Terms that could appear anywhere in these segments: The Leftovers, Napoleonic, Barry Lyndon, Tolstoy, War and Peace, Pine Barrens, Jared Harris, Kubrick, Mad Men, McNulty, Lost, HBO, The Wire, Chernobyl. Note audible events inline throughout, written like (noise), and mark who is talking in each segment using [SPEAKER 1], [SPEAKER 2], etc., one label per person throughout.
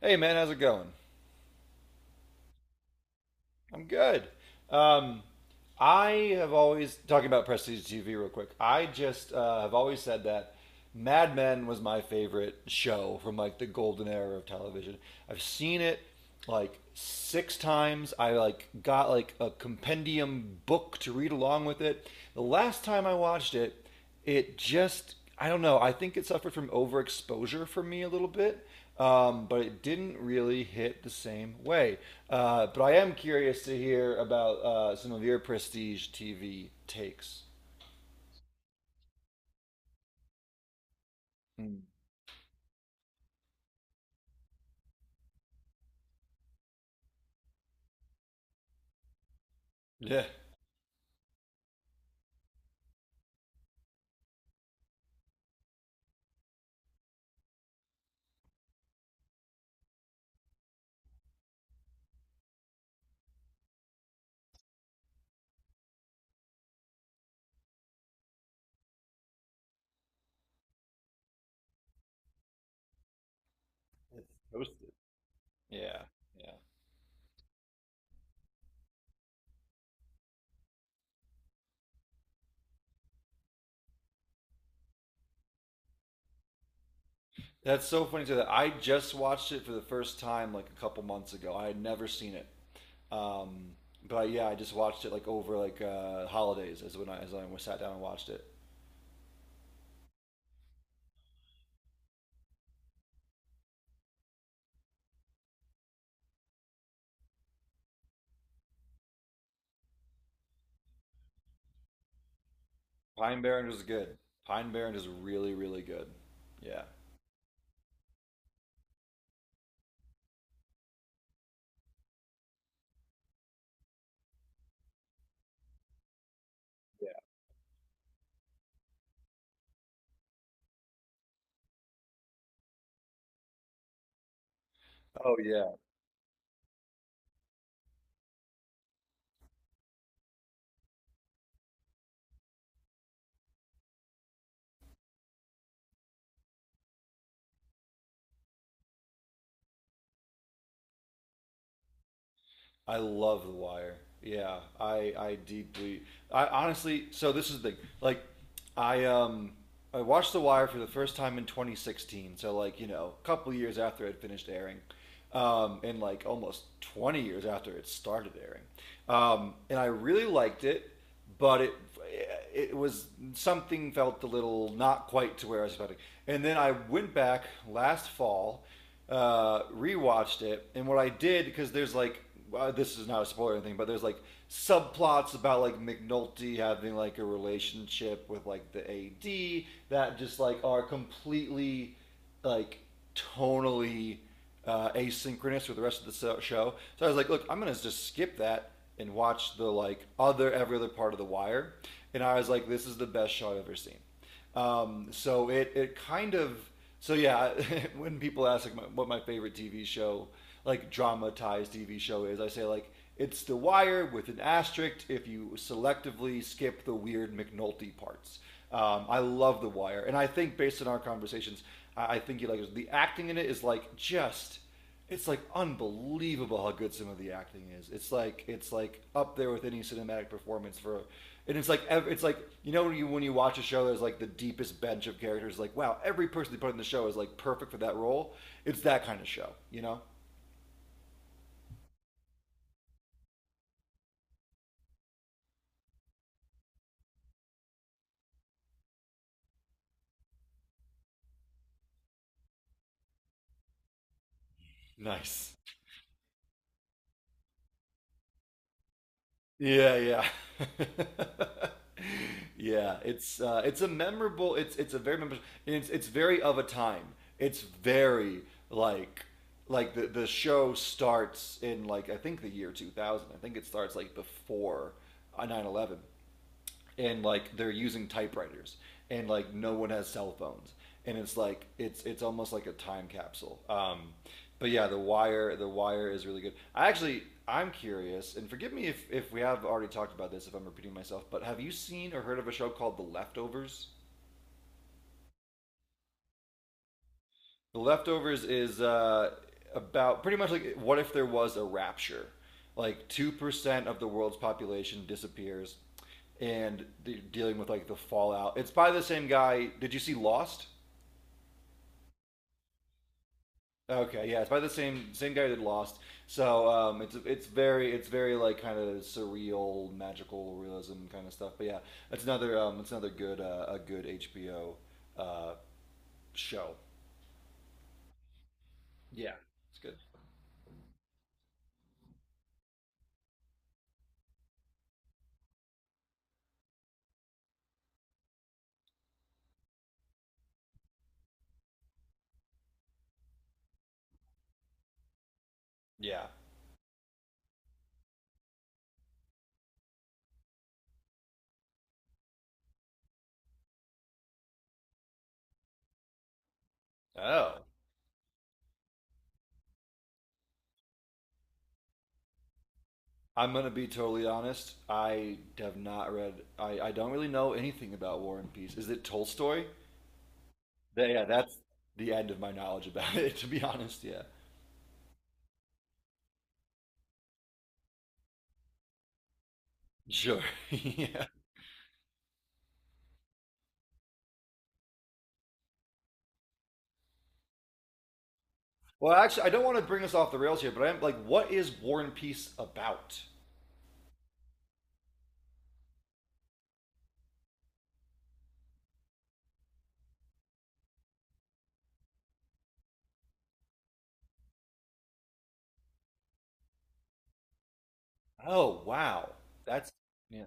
[SPEAKER 1] Hey man, how's it going? I'm good. Um, I have always talking about prestige TV real quick. I just have always said that Mad Men was my favorite show from like the golden era of television. I've seen it like six times. I like got like a compendium book to read along with it. The last time I watched it, it just I don't know. I think it suffered from overexposure for me a little bit, but it didn't really hit the same way. But I am curious to hear about some of your prestige TV takes. Mm. Yeah, it's toasted. yeah, yeah. That's so funny to that. I just watched it for the first time like a couple months ago. I had never seen it. Um, but yeah, I just watched it like over like holidays is when I, sat down and watched it. Pine Barrens was good. Pine Barrens is really, really good. Yeah. Yeah. Oh yeah. I love The Wire. Yeah. I deeply I honestly, so this is the thing. Like I I watched The Wire for the first time in 2016, so like, you know, a couple years after it finished airing. And like almost 20 years after it started airing. And I really liked it. But it was something felt a little not quite to where I was expecting. And then I went back last fall, rewatched it, and what I did because there's like this is not a spoiler or anything, but there's like subplots about like McNulty having like a relationship with like the AD that just like are completely like tonally asynchronous with the rest of the show. So I was like, look, I'm gonna just skip that and watch the like other every other part of the wire. And I was like, this is the best show I've ever seen. So it it kind of so Yeah. (laughs) When people ask like what my favorite TV show, like dramatized TV show is, I say like. It's The Wire with an asterisk if you selectively skip the weird McNulty parts. I love The Wire, and I think based on our conversations, I think you like it. The acting in it is like just. It's like unbelievable how good some of the acting is. It's like up there with any cinematic performance for, and it's like you know when you watch a show there's like the deepest bench of characters like wow every person they put in the show is like perfect for that role. It's that kind of show, you know. Nice. Yeah, yeah. (laughs) Yeah, it's it's a memorable. It's a very memorable. It's very of a time. It's very like like the show starts in like I think the year 2000. I think it starts like before 9/11, and like they're using typewriters, and like no one has cell phones, and it's like it's almost like a time capsule. But yeah, the wire is really good. I actually I'm curious, and forgive me if we have already talked about this, if I'm repeating myself, but have you seen or heard of a show called the leftovers? The leftovers is about pretty much like what if there was a rapture? Like 2% of the world's population disappears, and dealing with like the fallout. It's by the same guy. Did you see Lost? Okay, yeah, it's by the same guy that Lost. So it's it's very like kind of surreal, magical realism kind of stuff. But yeah, that's another it's another good a good HBO uh, show. Yeah, it's good. Yeah. Oh. I'm gonna be totally honest. I have not read. I don't really know anything about War and Peace. Is it Tolstoy? Yeah, that's the end of my knowledge about (laughs) it. To be honest, yeah. Sure. (laughs) Yeah. Well, actually, I don't want to bring us off the rails here, but I'm like, what is War and Peace about? Oh, wow. That's yeah.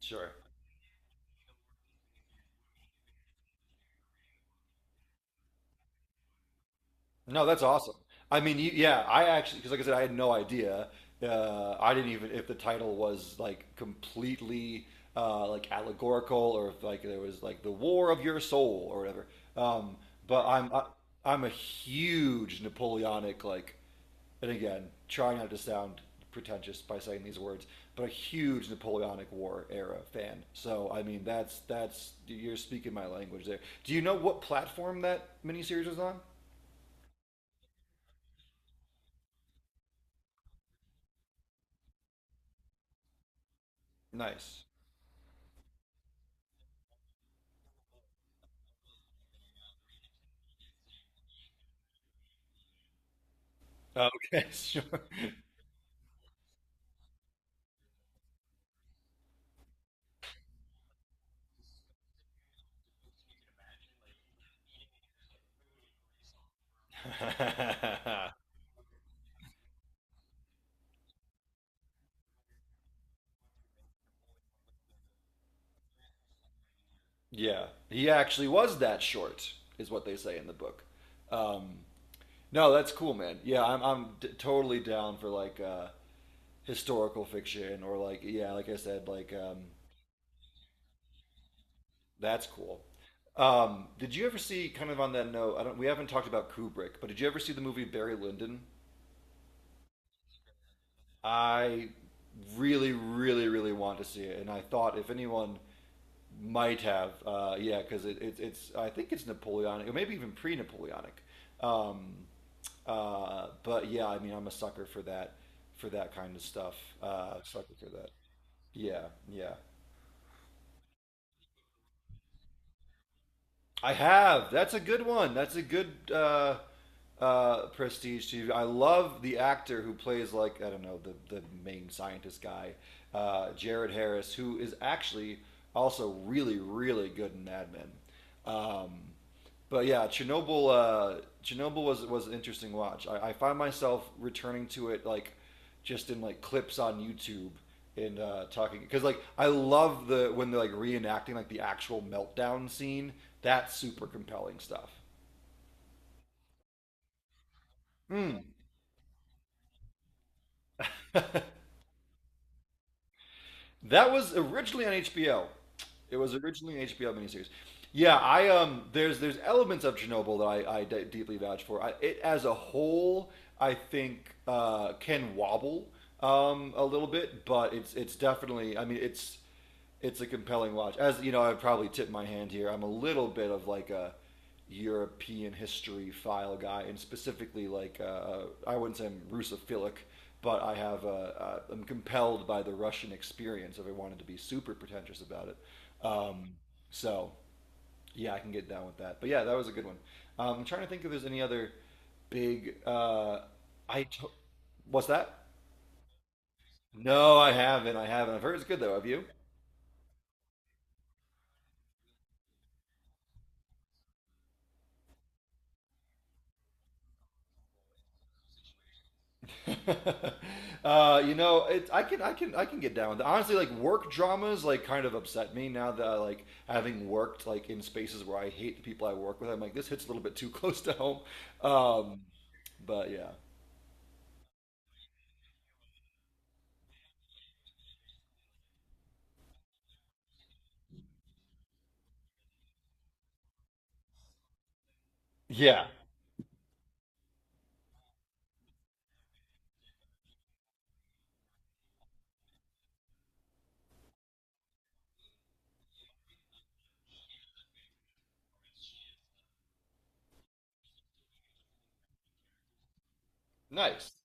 [SPEAKER 1] Sure. No, that's awesome. I mean, you, yeah, I actually because like I said, I had no idea. I didn't even if the title was like completely like allegorical or if like there was like the war of your soul or whatever. Um, but I'm I, I'm a huge Napoleonic like, and again, trying not to sound pretentious by saying these words, but a huge Napoleonic War era fan. So I mean, that's you're speaking my language there. Do you know what platform that miniseries was on? Nice. Okay, (laughs) sure. (laughs) Yeah, he actually was that short, is what they say in the book. Um, no, that's cool, man. Yeah, totally down for like historical fiction or like yeah, like I said, like that's cool. Did you ever see kind of on that note? I don't. We haven't talked about Kubrick, but did you ever see the movie Barry Lyndon? I really, really, really want to see it, and I thought if anyone might have, yeah, because it's I think it's Napoleonic, or maybe even pre-Napoleonic. Um, but yeah, I mean, I'm a sucker for that kind of stuff. Sucker for that. Yeah, yeah. I have. That's a good one. That's a good prestige TV. I love the actor who plays like I don't know the main scientist guy, Jared Harris, who is actually also really really good in Mad Men. Um, But yeah, Chernobyl. Chernobyl was an interesting watch. I find myself returning to it like just in like clips on YouTube, and talking because like I love the when they're like reenacting like the actual meltdown scene. That's super compelling stuff. Hmm. That was originally on HBO. It was originally an HBO miniseries. Yeah, I there's elements of Chernobyl that deeply vouch for. It as a whole, I think can wobble a little bit, but it's definitely. I mean, it's a compelling watch. As you know, I probably tip my hand here. I'm a little bit of like a European history file guy, and specifically like I wouldn't say I'm Russophilic, but I have I'm compelled by the Russian experience. If I wanted to be super pretentious about it, um, so yeah, I can get down with that. But yeah, that was a good one. I'm trying to think if there's any other big. I to- what's that? No, I haven't. I haven't. I've heard it's good though. Have you? (laughs) You know, it, I can get down with it. Honestly, like work dramas, like kind of upset me now that I, like having worked like in spaces where I hate the people I work with. I'm like, this hits a little bit too (laughs) close to home. Um, but yeah, nice. (laughs)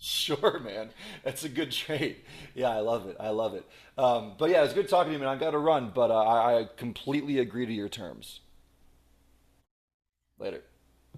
[SPEAKER 1] Sure, man. That's a good trait. Yeah, I love it. I love it. But yeah, it's good talking to you, man. I got to run, but I completely agree to your terms. Later.